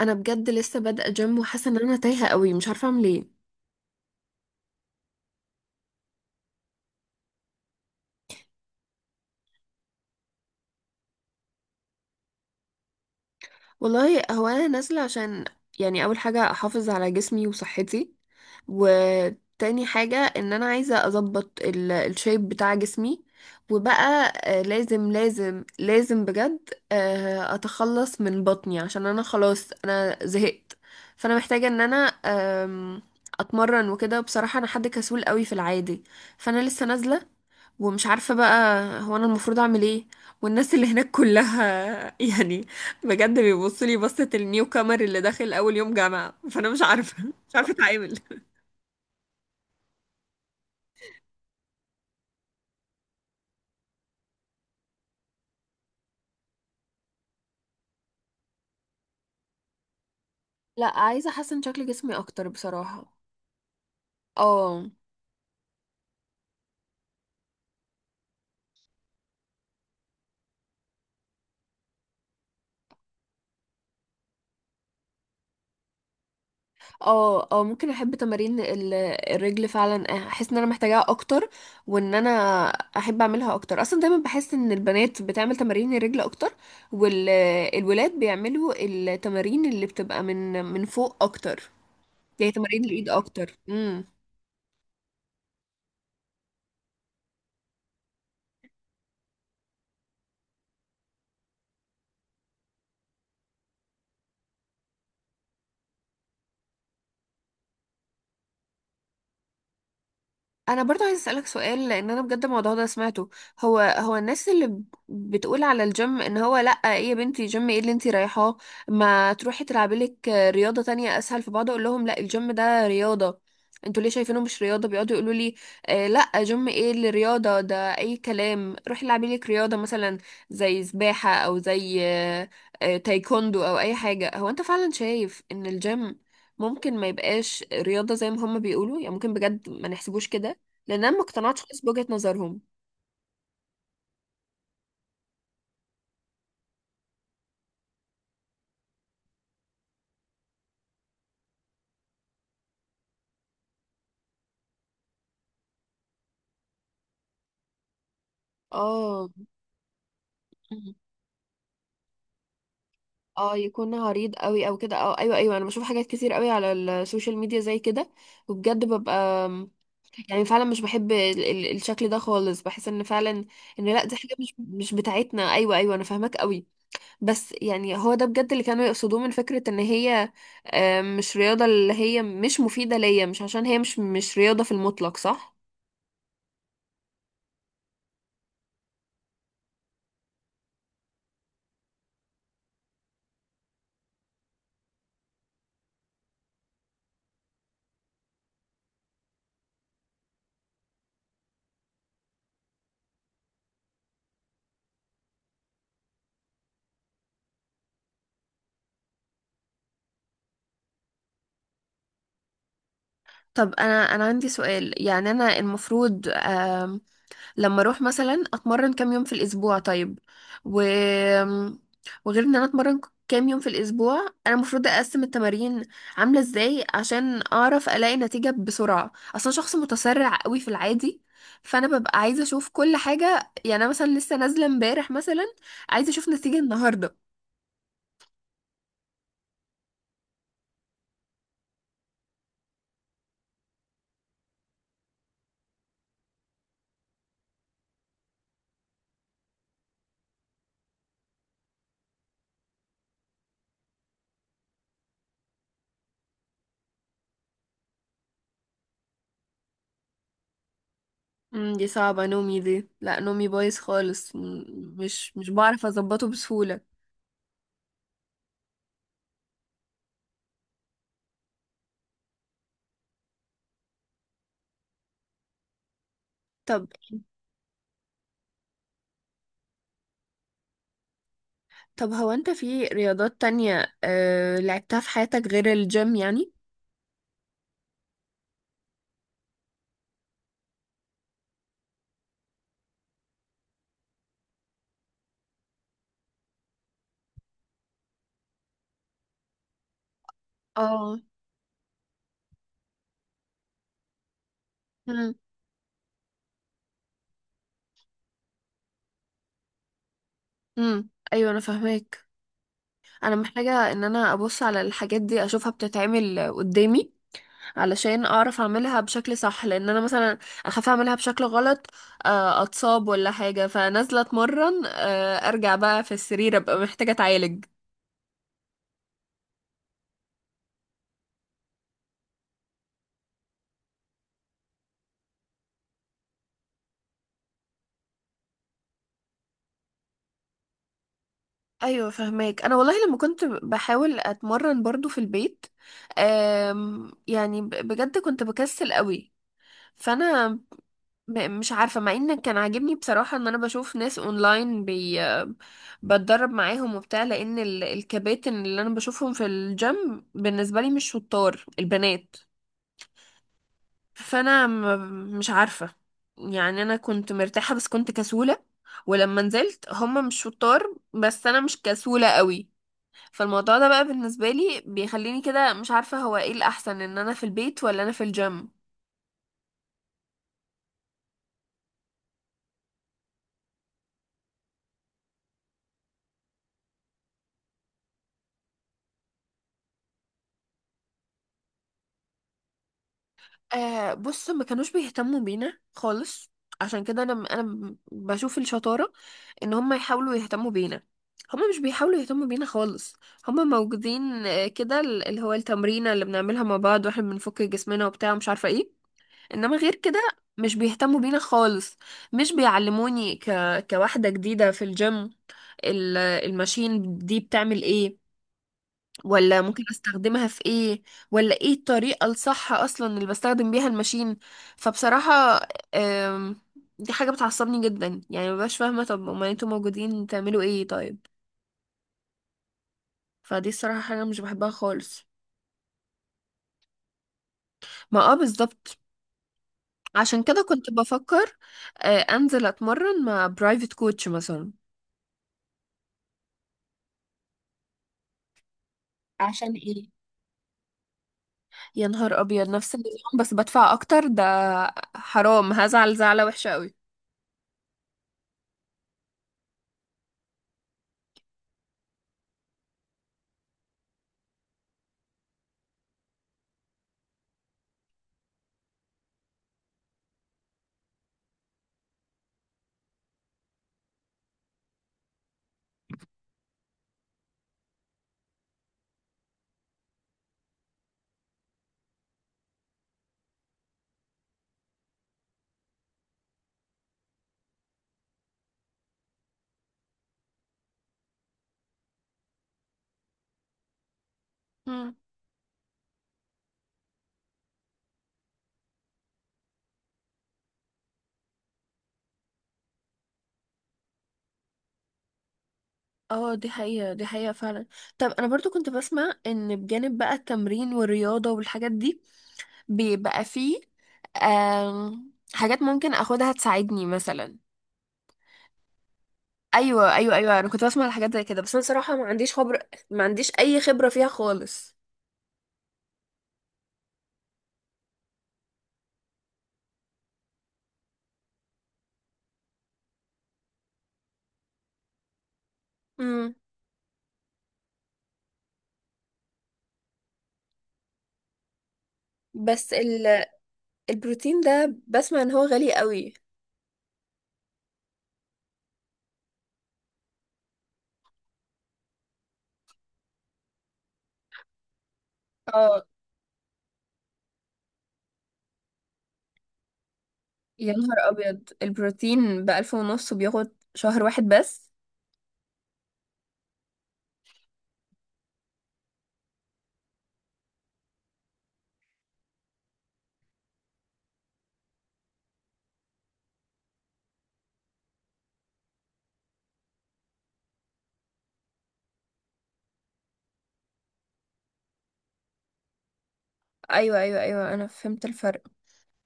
انا بجد لسه بادئه جيم وحاسه ان انا تايهه قوي مش عارفه اعمل ايه. والله هو انا نازله عشان يعني اول حاجه احافظ على جسمي وصحتي، وتاني حاجه ان انا عايزه اظبط الشيب بتاع جسمي، وبقى لازم لازم بجد اتخلص من بطني عشان انا خلاص انا زهقت. فانا محتاجه ان انا آم، اتمرن وكده. بصراحه انا حد كسول قوي في العادي، فانا لسه نازله ومش عارفة بقى هو أنا المفروض أعمل إيه. والناس اللي هناك كلها يعني بجد بيبصوا لي بصة النيو كامر اللي داخل أول يوم جامعة، فأنا مش عارفة أتعامل. لا، عايزه احسن شكل جسمي اكتر بصراحه. اه اه اه، ممكن احب تمارين الرجل فعلا. احس ان انا محتاجاها اكتر، وان انا احب اعملها اكتر. اصلا دايما بحس ان البنات بتعمل تمارين الرجل اكتر، والولاد بيعملوا التمارين اللي بتبقى من فوق اكتر، زي تمارين الايد اكتر. انا برضو عايز اسالك سؤال، لان انا بجد الموضوع ده سمعته. هو الناس اللي بتقول على الجيم ان هو لا، ايه يا بنتي جيم؟ ايه اللي انتي رايحاه؟ ما تروحي تلعبي لك رياضه تانية اسهل. فبقعد اقول لهم لا، الجيم ده رياضه، انتوا ليه شايفينه مش رياضه؟ بيقعدوا يقولوا لي آه لا، جيم ايه اللي رياضه؟ ده اي كلام، روحي العبي لك رياضه مثلا زي سباحه او زي آه تايكوندو او اي حاجه. هو انت فعلا شايف ان الجيم ممكن ما يبقاش رياضة زي ما هم بيقولوا؟ يعني ممكن بجد ما نحسبوش كده؟ لان انا ما اقتنعتش خالص بوجهة نظرهم. اه، اه، يكون عريض قوي او كده. اه، ايوه ايوه، انا بشوف حاجات كتير قوي على السوشيال ميديا زي كده، وبجد ببقى يعني فعلا مش بحب الشكل ده خالص. بحس ان فعلا ان لا، دي حاجه مش بتاعتنا. ايوه ايوه انا فاهماك قوي. بس يعني هو ده بجد اللي كانوا يقصدوه، من فكره ان هي مش رياضه، اللي هي مش مفيده ليا، مش عشان هي مش رياضه في المطلق، صح؟ طب انا عندي سؤال. يعني انا المفروض لما اروح مثلا اتمرن كام يوم في الاسبوع؟ طيب و... وغير ان انا اتمرن كام يوم في الاسبوع، انا المفروض اقسم التمارين عامله ازاي؟ عشان اعرف الاقي نتيجه بسرعه. اصلا شخص متسرع قوي في العادي، فانا ببقى عايزه اشوف كل حاجه. يعني انا مثلا لسه نازله امبارح مثلا، عايزه اشوف نتيجه النهارده. دي صعبه. نومي دي لا، نومي بايظ خالص، مش بعرف اظبطه بسهوله. طب هو انت في رياضات تانية لعبتها في حياتك غير الجيم يعني؟ اه. مم. مم. ايوه انا فاهماك. انا محتاجة ان انا ابص على الحاجات دي، اشوفها بتتعمل قدامي علشان اعرف اعملها بشكل صح، لان انا مثلا اخاف اعملها بشكل غلط، اتصاب ولا حاجة، فنازلة اتمرن ارجع بقى في السرير ابقى محتاجة اتعالج. ايوه فهماك. انا والله لما كنت بحاول اتمرن برضو في البيت، يعني بجد كنت بكسل قوي. فانا مش عارفه، مع ان كان عاجبني بصراحه ان انا بشوف ناس اونلاين بتدرب معاهم وبتاع، لان الكباتن اللي انا بشوفهم في الجيم بالنسبه لي مش شطار البنات. فانا مش عارفه. يعني انا كنت مرتاحه بس كنت كسوله، ولما نزلت هما مش شطار بس انا مش كسوله قوي. فالموضوع ده بقى بالنسبه لي بيخليني كده مش عارفه هو ايه الاحسن، ان انا في البيت ولا انا في الجيم. آه بص، ما كانوش بيهتموا بينا خالص. عشان كده انا بشوف الشطارة ان هم يحاولوا يهتموا بينا. هم مش بيحاولوا يهتموا بينا خالص. هم موجودين كده، اللي هو التمرينة اللي بنعملها مع بعض واحنا بنفك جسمنا وبتاع ومش عارفة ايه، انما غير كده مش بيهتموا بينا خالص. مش بيعلموني كواحدة جديدة في الجيم، الماشين دي بتعمل ايه، ولا ممكن استخدمها في ايه، ولا ايه الطريقة الصح اصلا اللي بستخدم بيها الماشين. فبصراحة أم، دي حاجة بتعصبني جدا. يعني مبقاش فاهمة، طب امال انتوا موجودين تعملوا ايه طيب؟ فدي الصراحة حاجة مش بحبها خالص. ما اه، بالظبط. عشان كده كنت بفكر انزل اتمرن مع برايفت كوتش مثلا. عشان ايه؟ يا نهار ابيض، نفس النظام بس بدفع اكتر ده؟ حرام، هزعل زعلة وحشة قوي. اه دي حقيقة، دي حقيقة فعلا. طب انا برضو كنت بسمع ان بجانب بقى التمرين والرياضة والحاجات دي بيبقى فيه حاجات ممكن اخدها تساعدني مثلا. ايوه ايوه ايوه، انا كنت بسمع على حاجات زي كده، بس انا صراحة ما عنديش خبرة، ما عنديش اي خبرة فيها خالص. امم، بس ال... البروتين ده بسمع ان هو غالي قوي. اه يا نهار ابيض، البروتين بألف ونص وبياخد شهر واحد بس؟ ايوه ايوه ايوه انا فهمت الفرق.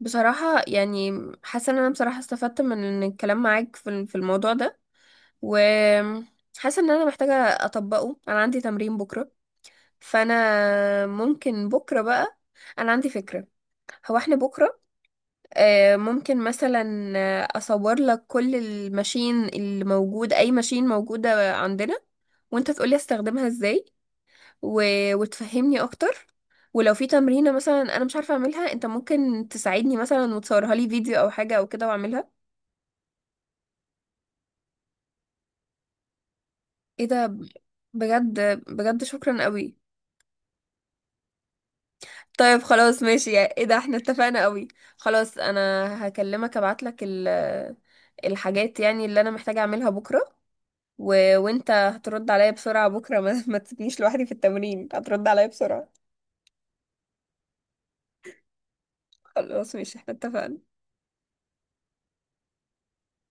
بصراحة يعني حاسة ان انا بصراحة استفدت من إن الكلام معاك في في الموضوع ده، وحاسة ان انا محتاجة اطبقه. انا عندي تمرين بكرة، فانا ممكن بكرة بقى، انا عندي فكرة. هو احنا بكرة ممكن مثلا اصور لك كل الماشين اللي موجود، اي ماشين موجودة عندنا، وانت تقولي استخدمها ازاي و... وتفهمني اكتر. ولو في تمرينة مثلا انا مش عارفة اعملها، انت ممكن تساعدني مثلا وتصورها لي فيديو او حاجة او كده واعملها. ايه ده بجد، بجد شكرا قوي. طيب خلاص ماشي ايه ده احنا اتفقنا قوي. خلاص انا هكلمك، ابعتلك الحاجات يعني اللي انا محتاجة اعملها بكرة، وانت هترد عليا بسرعة بكرة. ما تسيبنيش لوحدي في التمرين، هترد عليا بسرعة. خلاص ماشي احنا اتفقنا.